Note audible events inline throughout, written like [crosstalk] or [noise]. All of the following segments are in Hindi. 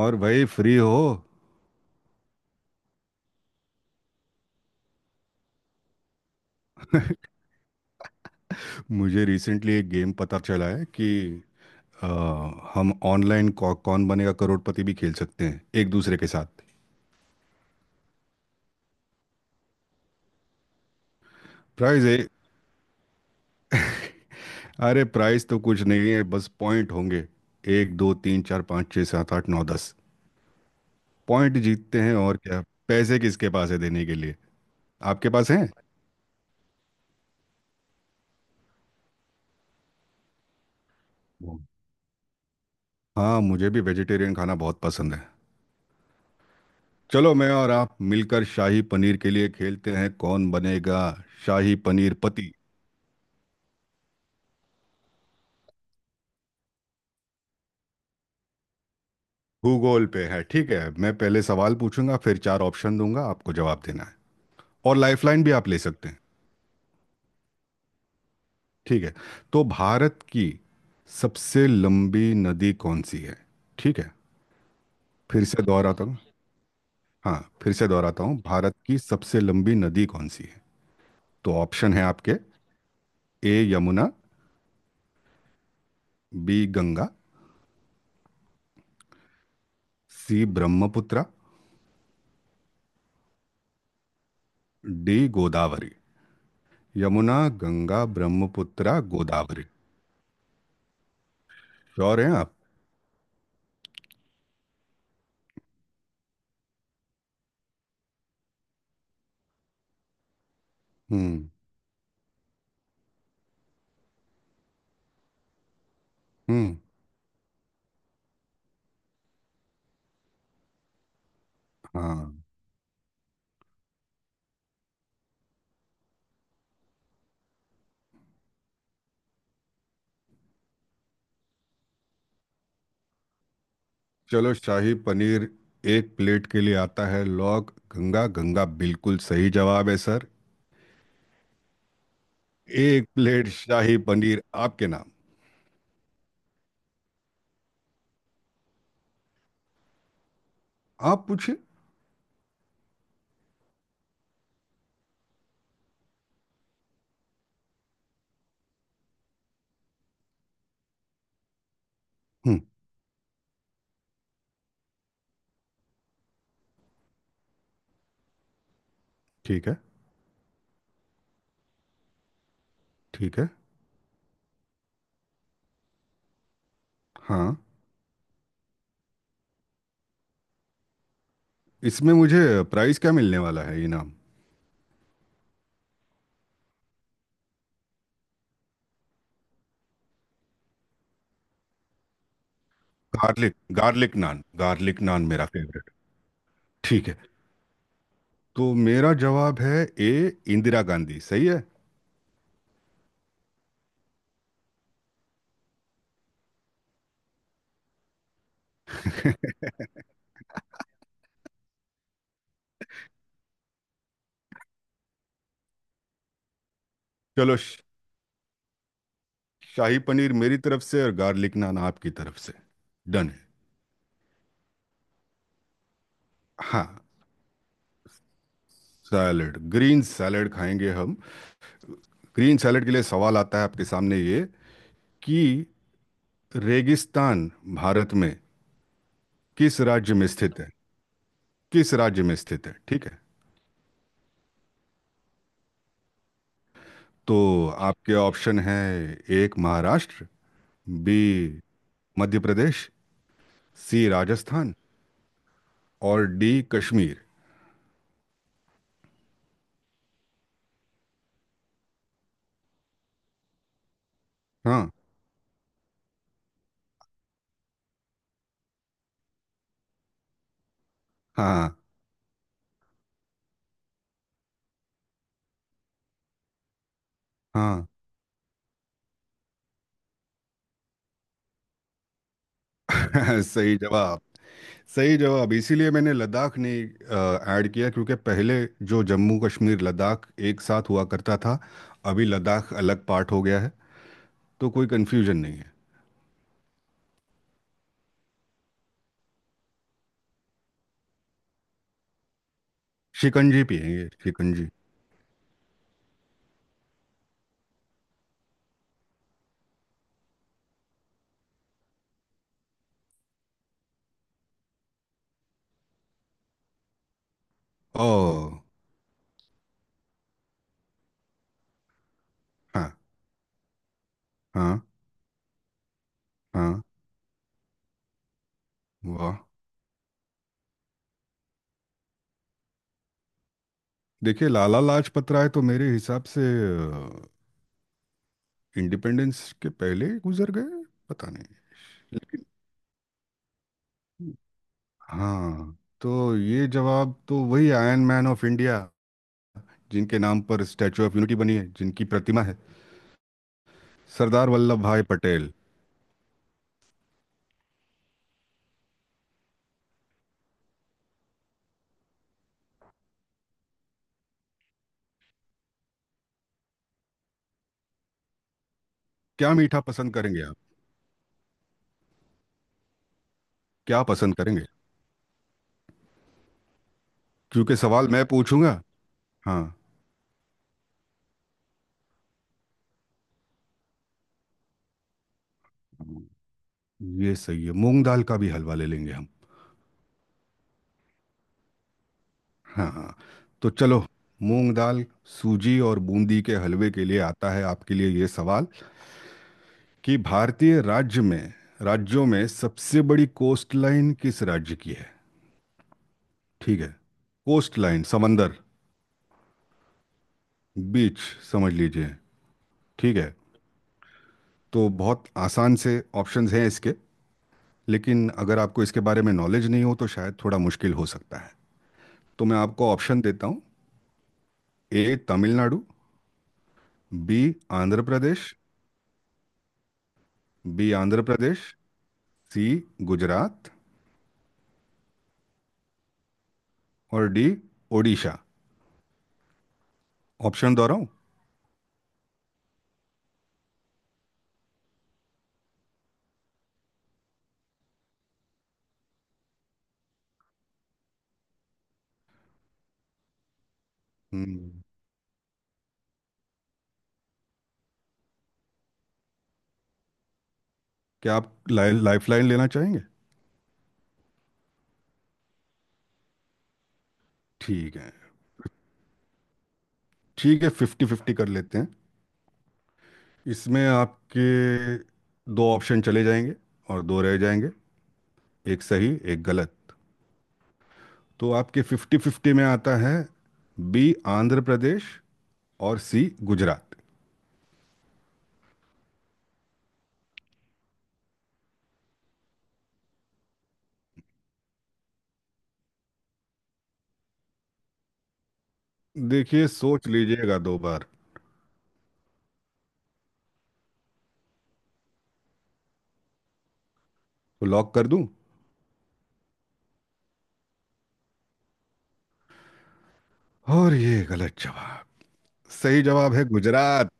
और भाई फ्री हो। मुझे रिसेंटली एक गेम पता चला है कि अ, हम ऑनलाइन कौन बनेगा करोड़पति भी खेल सकते हैं एक दूसरे के साथ। प्राइज है? अरे प्राइस तो कुछ नहीं है, बस पॉइंट होंगे। एक दो तीन चार पाँच छः सात आठ नौ दस पॉइंट जीतते हैं और क्या। पैसे किसके पास है देने के लिए? आपके पास हैं? हम्म। हाँ, मुझे भी वेजिटेरियन खाना बहुत पसंद है। चलो मैं और आप मिलकर शाही पनीर के लिए खेलते हैं, कौन बनेगा शाही पनीर पति। भूगोल पे है, ठीक है, मैं पहले सवाल पूछूंगा फिर चार ऑप्शन दूंगा, आपको जवाब देना है। और लाइफलाइन भी आप ले सकते हैं। ठीक है। तो भारत की सबसे लंबी नदी कौन सी है? ठीक है, फिर से दोहराता हूँ। हाँ, फिर से दोहराता हूँ, भारत की सबसे लंबी नदी कौन सी है? तो ऑप्शन है आपके। A Yamuna, B Ganga, C Brahmaputra, D Godavari. Yamuna, Ganga, Brahmaputra, Godavari. Sure हैं आप? हम्म। हम्म। हाँ। चलो शाही पनीर एक प्लेट के लिए आता है, लॉग गंगा, गंगा बिल्कुल सही जवाब है सर। एक प्लेट शाही पनीर आपके नाम। आप पूछिए। हम्म। ठीक है। ठीक है। हाँ, इसमें मुझे प्राइस क्या मिलने वाला है, इनाम? Garlic garlic naan, garlic naan मेरा फेवरेट। ठीक है, तो मेरा जवाब है ए, इंदिरा गांधी सही है। [laughs] चलो शाही पनीर मेरी तरफ से और गार्लिक नान आपकी तरफ से। डन है। हाँ। सैलड, ग्रीन सैलड खाएंगे हम। ग्रीन सैलेड के लिए सवाल आता है आपके सामने ये कि रेगिस्तान भारत में किस राज्य में स्थित है। किस राज्य में स्थित है, ठीक है। तो आपके ऑप्शन है, एक महाराष्ट्र, बी मध्य प्रदेश, सी राजस्थान, और डी कश्मीर। हाँ। हाँ। हाँ। [laughs] सही जवाब। सही जवाब, इसीलिए मैंने लद्दाख नहीं ऐड किया क्योंकि पहले जो जम्मू कश्मीर लद्दाख एक साथ हुआ करता था, अभी लद्दाख अलग पार्ट हो गया है, तो कोई कंफ्यूजन नहीं है। शिकंजी पिएंगे, शिकंजी। ओ। हाँ। हाँ। हाँ। वाह। देखिए लाला लाजपत राय तो मेरे हिसाब से इंडिपेंडेंस के पहले ही गुजर गए, पता नहीं। लेकिन हाँ, तो ये जवाब तो वही आयरन मैन ऑफ इंडिया, जिनके नाम पर स्टैचू ऑफ यूनिटी बनी है, जिनकी प्रतिमा है, सरदार वल्लभ भाई पटेल। क्या मीठा पसंद करेंगे आप? क्या पसंद करेंगे, क्योंकि सवाल मैं पूछूंगा। हाँ, ये सही है, मूंग दाल का भी हलवा ले लेंगे हम। हाँ। हाँ। तो चलो मूंग दाल, सूजी और बूंदी के हलवे के लिए आता है आपके लिए ये सवाल कि भारतीय राज्य में, राज्यों में सबसे बड़ी कोस्ट लाइन किस राज्य की है? ठीक है। कोस्ट लाइन, समंदर, बीच, समझ लीजिए। ठीक है। तो बहुत आसान से ऑप्शंस हैं इसके, लेकिन अगर आपको इसके बारे में नॉलेज नहीं हो तो शायद थोड़ा मुश्किल हो सकता है। तो मैं आपको ऑप्शन देता हूँ, A Tamil Nadu, B Andhra Pradesh, B Andhra Pradesh, C Gujarat, और डी ओडिशा। ऑप्शन दोहराऊं? हम्म। क्या आप लाइफ लाइन लेना चाहेंगे? ठीक है। ठीक है, फिफ्टी फिफ्टी कर लेते हैं। इसमें आपके दो ऑप्शन चले जाएंगे और दो रह जाएंगे, एक सही एक गलत। तो आपके फिफ्टी फिफ्टी में आता है बी आंध्र प्रदेश और सी गुजरात। देखिए सोच लीजिएगा दो बार, तो लॉक कर दूं? और ये गलत जवाब। सही जवाब है गुजरात।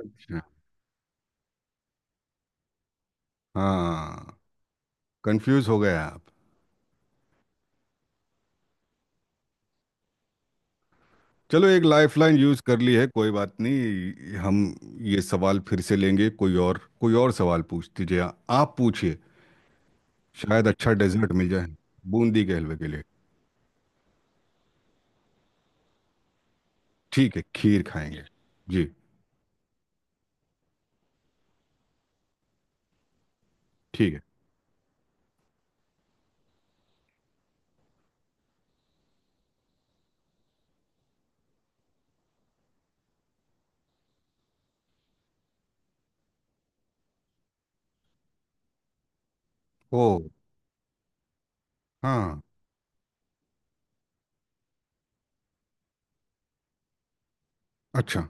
अच्छा। हाँ। कंफ्यूज हो गए आप? चलो एक लाइफलाइन यूज कर ली है, कोई बात नहीं, हम ये सवाल फिर से लेंगे, कोई और सवाल पूछ दीजिए। आप पूछिए। शायद अच्छा डेजर्ट मिल जाए। बूंदी के हलवे के लिए। ठीक है, खीर खाएंगे। जी। ठीक है। ओ। हाँ। अच्छा।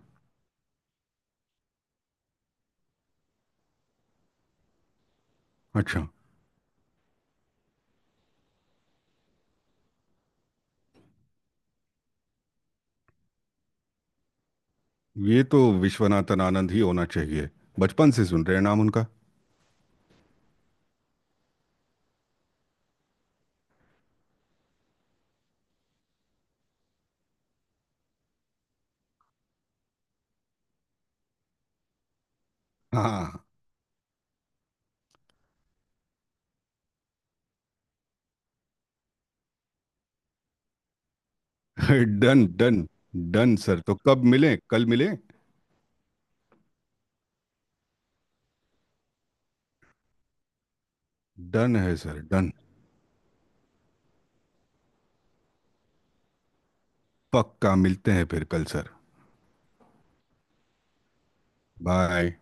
अच्छा। ये तो विश्वनाथन आनंद ही होना चाहिए, बचपन से सुन रहे हैं नाम उनका। हाँ। [laughs] Done done. डन सर, तो कब मिलें, कल मिलें? डन है सर, डन। पक्का मिलते हैं फिर कल सर। बाय।